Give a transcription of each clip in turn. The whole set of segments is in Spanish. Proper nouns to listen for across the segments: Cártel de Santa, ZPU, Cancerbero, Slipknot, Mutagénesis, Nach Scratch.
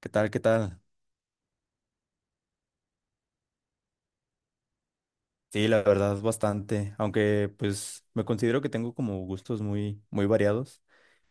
¿Qué tal? ¿Qué tal? Sí, la verdad, bastante. Aunque, pues, me considero que tengo como gustos muy variados.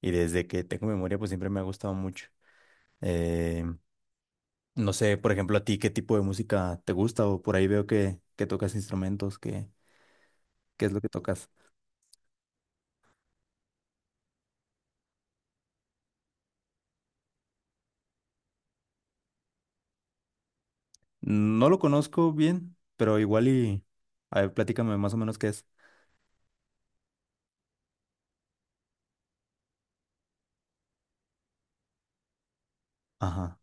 Y desde que tengo memoria, pues siempre me ha gustado mucho. Eh, no sé, por ejemplo, a ti, ¿qué tipo de música te gusta? O por ahí veo que tocas instrumentos. ¿Qué, qué es lo que tocas? No lo conozco bien, pero igual y... A ver, platícame más o menos qué es. Ajá.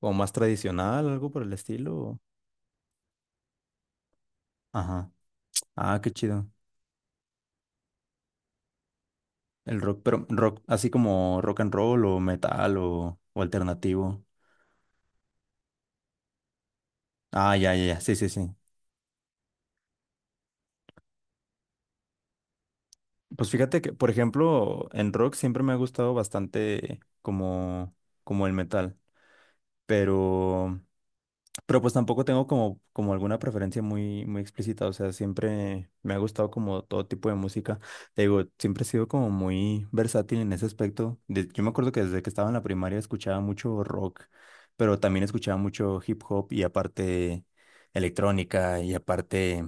O más tradicional, algo por el estilo. Ajá. Ah, qué chido. El rock, pero rock, así como rock and roll o metal o alternativo. Ah, ya, ya, ya, sí, sí, sí. Pues fíjate que, por ejemplo, en rock siempre me ha gustado bastante como el metal, pero Pero pues tampoco tengo como alguna preferencia muy explícita, o sea, siempre me ha gustado como todo tipo de música. Te digo, siempre he sido como muy versátil en ese aspecto. Yo me acuerdo que desde que estaba en la primaria escuchaba mucho rock, pero también escuchaba mucho hip hop y aparte electrónica y aparte,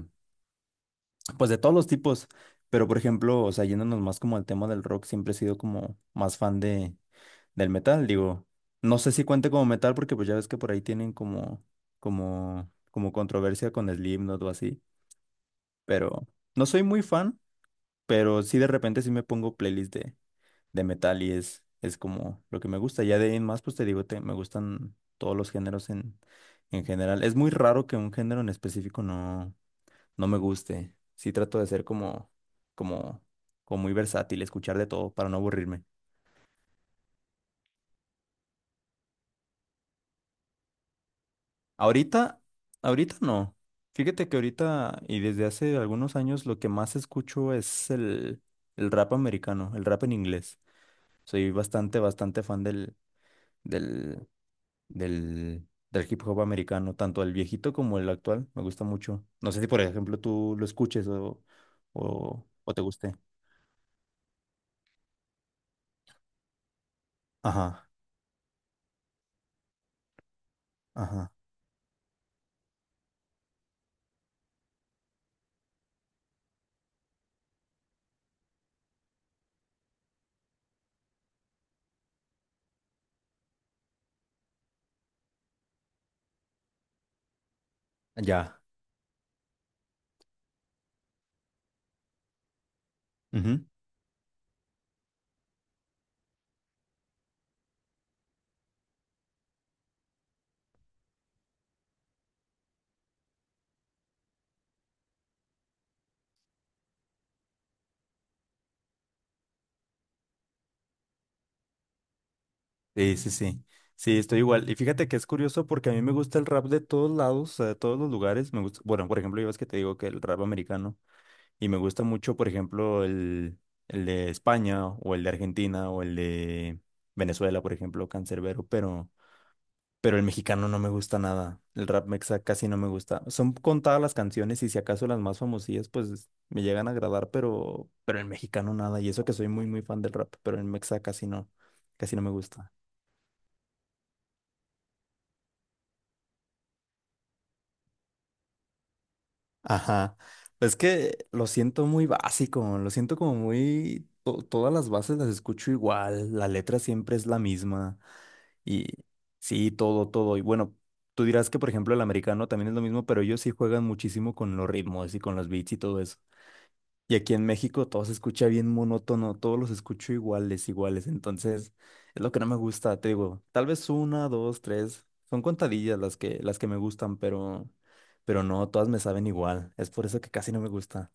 pues de todos los tipos. Pero por ejemplo, o sea, yéndonos más como al tema del rock, siempre he sido como más fan de del metal, digo, no sé si cuente como metal porque pues ya ves que por ahí tienen como controversia con Slipknot o así, pero no soy muy fan, pero sí de repente sí me pongo playlist de metal y es como lo que me gusta, ya de ahí en más pues te digo, me gustan todos los géneros en general, es muy raro que un género en específico no me guste, sí trato de ser como, como muy versátil, escuchar de todo para no aburrirme. Ahorita, ahorita no. Fíjate que ahorita y desde hace algunos años lo que más escucho es el rap americano, el rap en inglés. Soy bastante, bastante fan del, del hip hop americano, tanto el viejito como el actual. Me gusta mucho. No sé si, por ejemplo, tú lo escuches o te guste. Ajá, ajá. Ya. Ujú. Sí, sí, sí. Sí, estoy igual. Y fíjate que es curioso porque a mí me gusta el rap de todos lados, de todos los lugares. Me gusta, bueno, por ejemplo, yo ves que te digo que el rap americano y me gusta mucho, por ejemplo, el de España o el de Argentina o el de Venezuela, por ejemplo, Cancerbero, pero el mexicano no me gusta nada. El rap mexa casi no me gusta. Son contadas las canciones y si acaso las más famosillas, pues me llegan a agradar, pero el mexicano nada. Y eso que soy muy fan del rap, pero el mexa casi casi no me gusta. Ajá. Es que lo siento muy básico, lo siento como muy... todas las bases las escucho igual, la letra siempre es la misma y sí, todo, todo. Y bueno, tú dirás que por ejemplo el americano también es lo mismo, pero ellos sí juegan muchísimo con los ritmos y con los beats y todo eso. Y aquí en México todo se escucha bien monótono, todos los escucho iguales, iguales. Entonces, es lo que no me gusta, te digo, tal vez una, dos, tres, son contadillas las las que me gustan, pero no, todas me saben igual. Es por eso que casi no me gusta.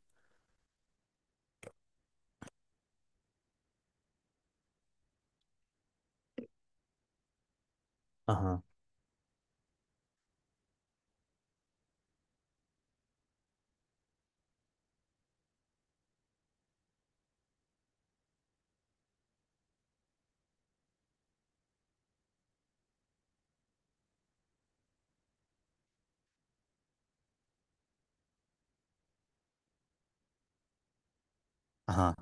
Ajá, ajá.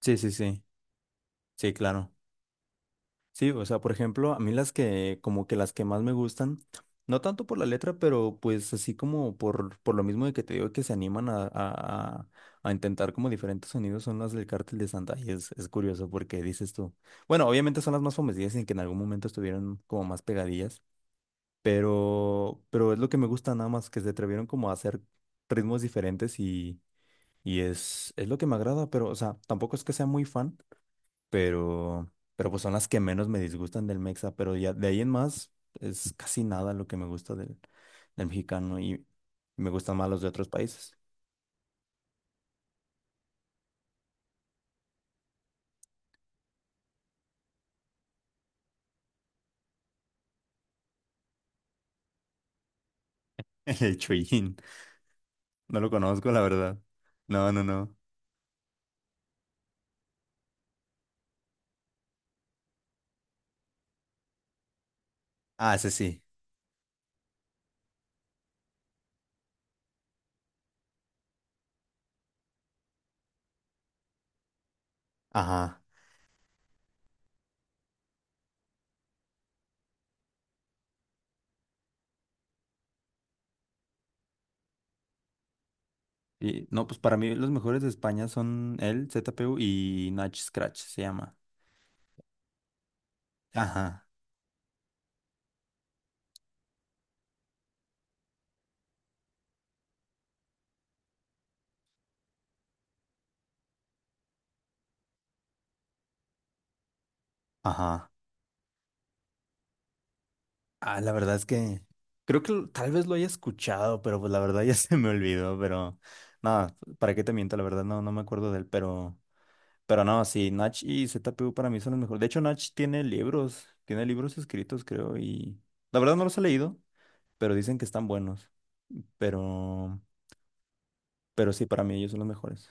Sí, sí, sí. Sí, claro. Sí, o sea, por ejemplo, a mí como que las que más me gustan, no tanto por la letra, pero pues así como por lo mismo de que te digo que se animan a intentar como diferentes sonidos, son las del Cártel de Santa. Y es curioso porque dices tú, bueno, obviamente son las más famosas y que en algún momento estuvieron como más pegadillas, pero es lo que me gusta nada más, que se atrevieron como a hacer ritmos diferentes y es lo que me agrada, pero, o sea, tampoco es que sea muy fan pero pues son las que menos me disgustan del Mexa, pero ya de ahí en más es casi nada lo que me gusta del mexicano y me gustan más los de otros países. El chollín, no lo conozco, la verdad. No, no, no. Ah, ese sí. Ajá. Y no, pues para mí los mejores de España son el ZPU y Nach Scratch se llama. Ajá, ajá. Ah, la verdad es que creo que tal vez lo haya escuchado, pero pues la verdad ya se me olvidó, pero nada, ¿para qué te miento? La verdad no, no me acuerdo de él, pero no, sí, Nach y ZPU para mí son los mejores. De hecho, Nach tiene libros escritos, creo, y la verdad no los he leído, pero dicen que están buenos, pero, pero sí, para mí ellos son los mejores.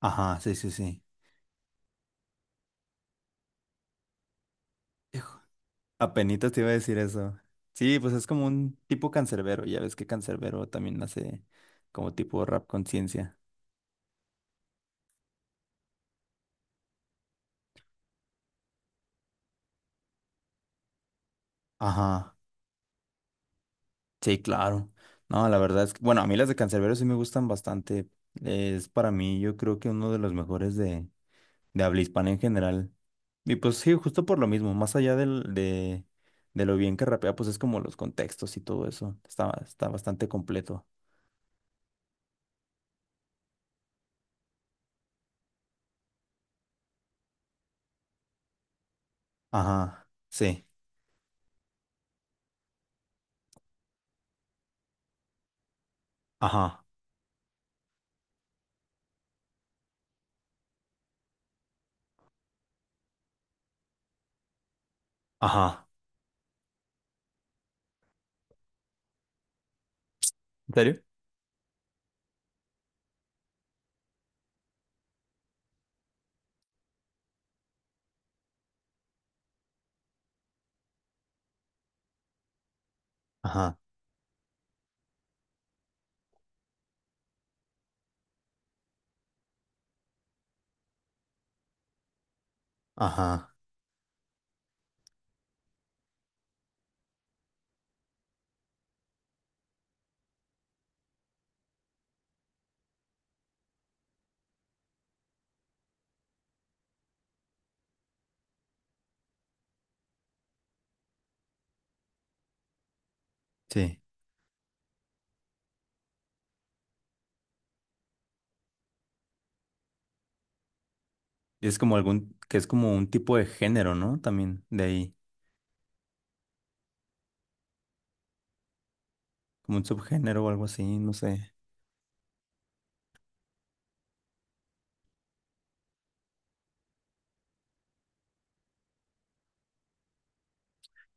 Ajá, sí, sí, sí. Hijo, apenitas te iba a decir eso. Sí, pues es como un tipo cancerbero, ya ves que cancerbero también hace como tipo rap conciencia. Ajá, sí, claro. No, la verdad es que, bueno, a mí las de Canserbero sí me gustan bastante. Es para mí, yo creo que uno de los mejores de habla hispana en general. Y pues sí, justo por lo mismo, más allá de lo bien que rapea, pues es como los contextos y todo eso. Está, está bastante completo. Ajá, sí, ajá, ajá. ¿En serio? Ajá, ajá, sí. Y es como algún, que es como un tipo de género, ¿no? También de ahí, como un subgénero o algo así, no sé.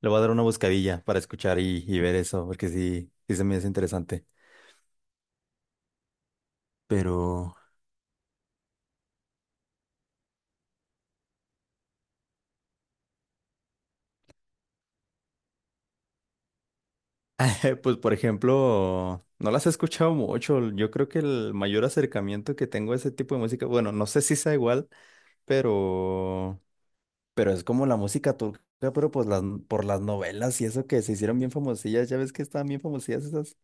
Le voy a dar una buscadilla para escuchar y ver eso, porque sí, sí se me hace interesante. Pero, pues por ejemplo, no las he escuchado mucho. Yo creo que el mayor acercamiento que tengo a ese tipo de música, bueno, no sé si sea igual, pero, pero es como la música turca, pero pues las, por las novelas y eso que se hicieron bien famosillas, ya ves que estaban bien famosillas esas.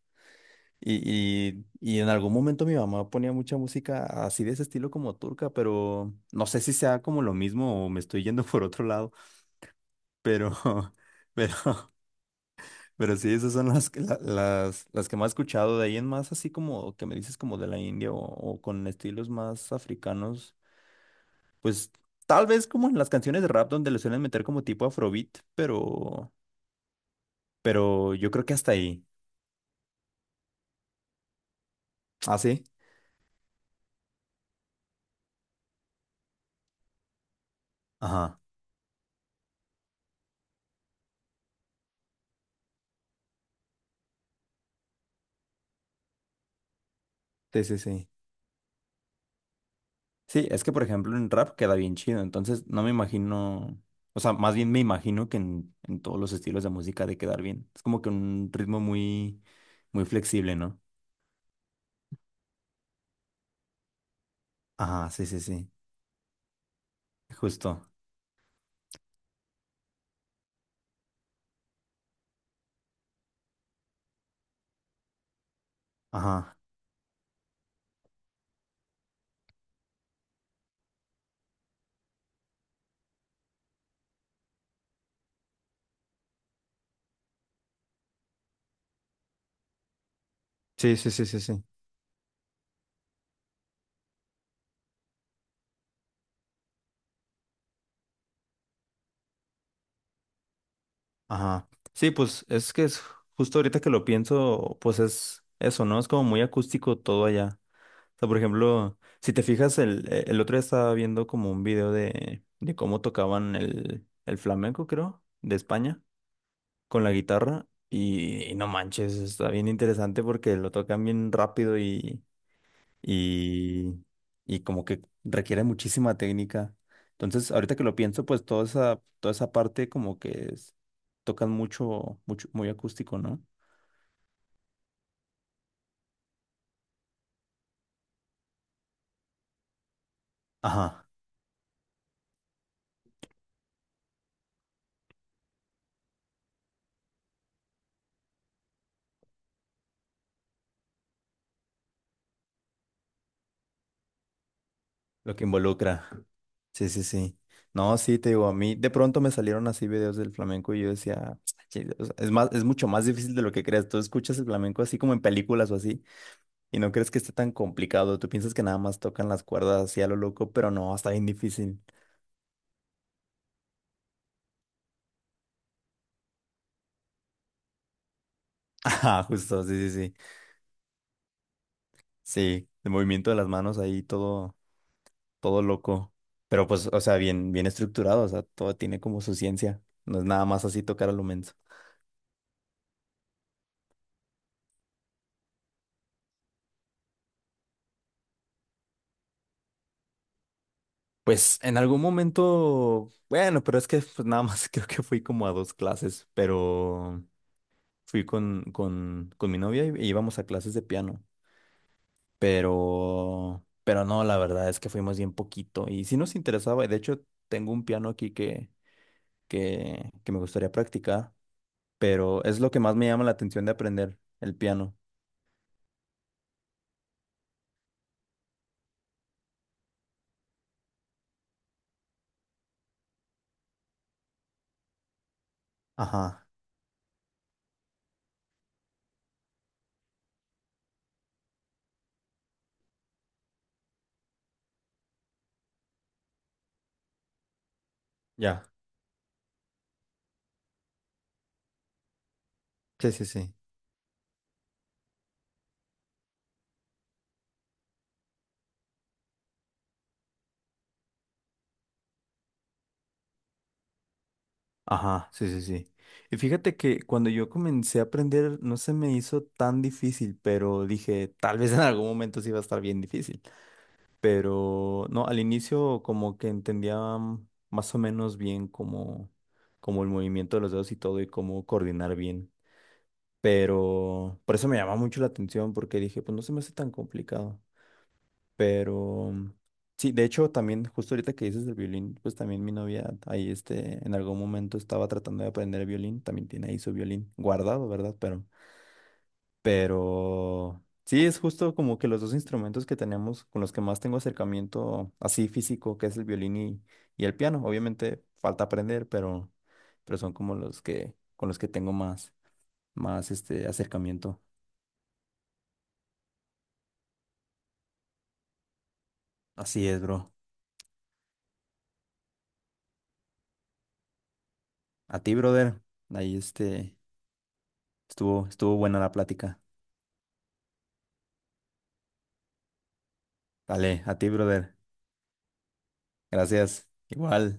Y, y en algún momento mi mamá ponía mucha música así de ese estilo como turca, pero no sé si sea como lo mismo o me estoy yendo por otro lado. Pero, pero, pero sí, esas son las, las que más he escuchado. De ahí en más, así como que me dices como de la India o con estilos más africanos, pues tal vez como en las canciones de rap donde le suelen meter como tipo afrobeat, pero yo creo que hasta ahí. Ah, sí. Ajá. Sí, sí, sí. Sí, es que por ejemplo en rap queda bien chido, entonces no me imagino, o sea, más bien me imagino que en todos los estilos de música ha de quedar bien. Es como que un ritmo muy flexible, ¿no? Ajá, sí, sí, sí. Justo. Ajá. Sí, sí, sí, sí, sí. Ajá. Sí, pues es que es justo ahorita que lo pienso, pues es eso, ¿no? Es como muy acústico todo allá. O sea, por ejemplo, si te fijas, el otro día estaba viendo como un video de cómo tocaban el flamenco, creo, de España, con la guitarra. Y no manches, está bien interesante porque lo tocan bien rápido y, y como que requiere muchísima técnica. Entonces, ahorita que lo pienso, pues toda esa parte como tocan mucho, mucho, muy acústico, ¿no? Ajá, lo que involucra. Sí, sí, sí. No, sí, te digo, a mí de pronto me salieron así videos del flamenco y yo decía, "Ch-" "Che, o sea, es más, es mucho más difícil de lo que crees. Tú escuchas el flamenco así como en películas o así y no crees que esté tan complicado. Tú piensas que nada más tocan las cuerdas así a lo loco, pero no, está bien difícil." Ajá, justo, sí, sí, sí. Sí, el movimiento de las manos ahí todo, todo loco. Pero pues, o sea, bien, bien estructurado, o sea, todo tiene como su ciencia. No es nada más así tocar a lo menso. Pues en algún momento, bueno, pero es que pues nada más creo que fui como a dos clases, pero fui con mi novia y íbamos a clases de piano. Pero no, la verdad es que fuimos bien poquito. Y sí nos interesaba, y de hecho tengo un piano aquí que me gustaría practicar. Pero es lo que más me llama la atención de aprender, el piano. Ajá. Ya. Sí, sí, sí. Ajá, sí, sí, sí. Y fíjate que cuando yo comencé a aprender no se me hizo tan difícil, pero dije, tal vez en algún momento sí va a estar bien difícil. Pero no, al inicio como que entendía más o menos bien como el movimiento de los dedos y todo y cómo coordinar bien. Pero por eso me llamó mucho la atención porque dije, pues no se me hace tan complicado. Pero sí, de hecho, también justo ahorita que dices el violín, pues también mi novia ahí este, en algún momento estaba tratando de aprender el violín, también tiene ahí su violín guardado, ¿verdad? Pero sí, es justo como que los dos instrumentos que tenemos, con los que más tengo acercamiento así físico, que es el violín y el piano. Obviamente falta aprender, pero son como los que, con los que tengo más, más este acercamiento. Así es, bro. A ti, brother. Ahí este, estuvo, estuvo buena la plática. Vale, a ti, brother. Gracias. Igual.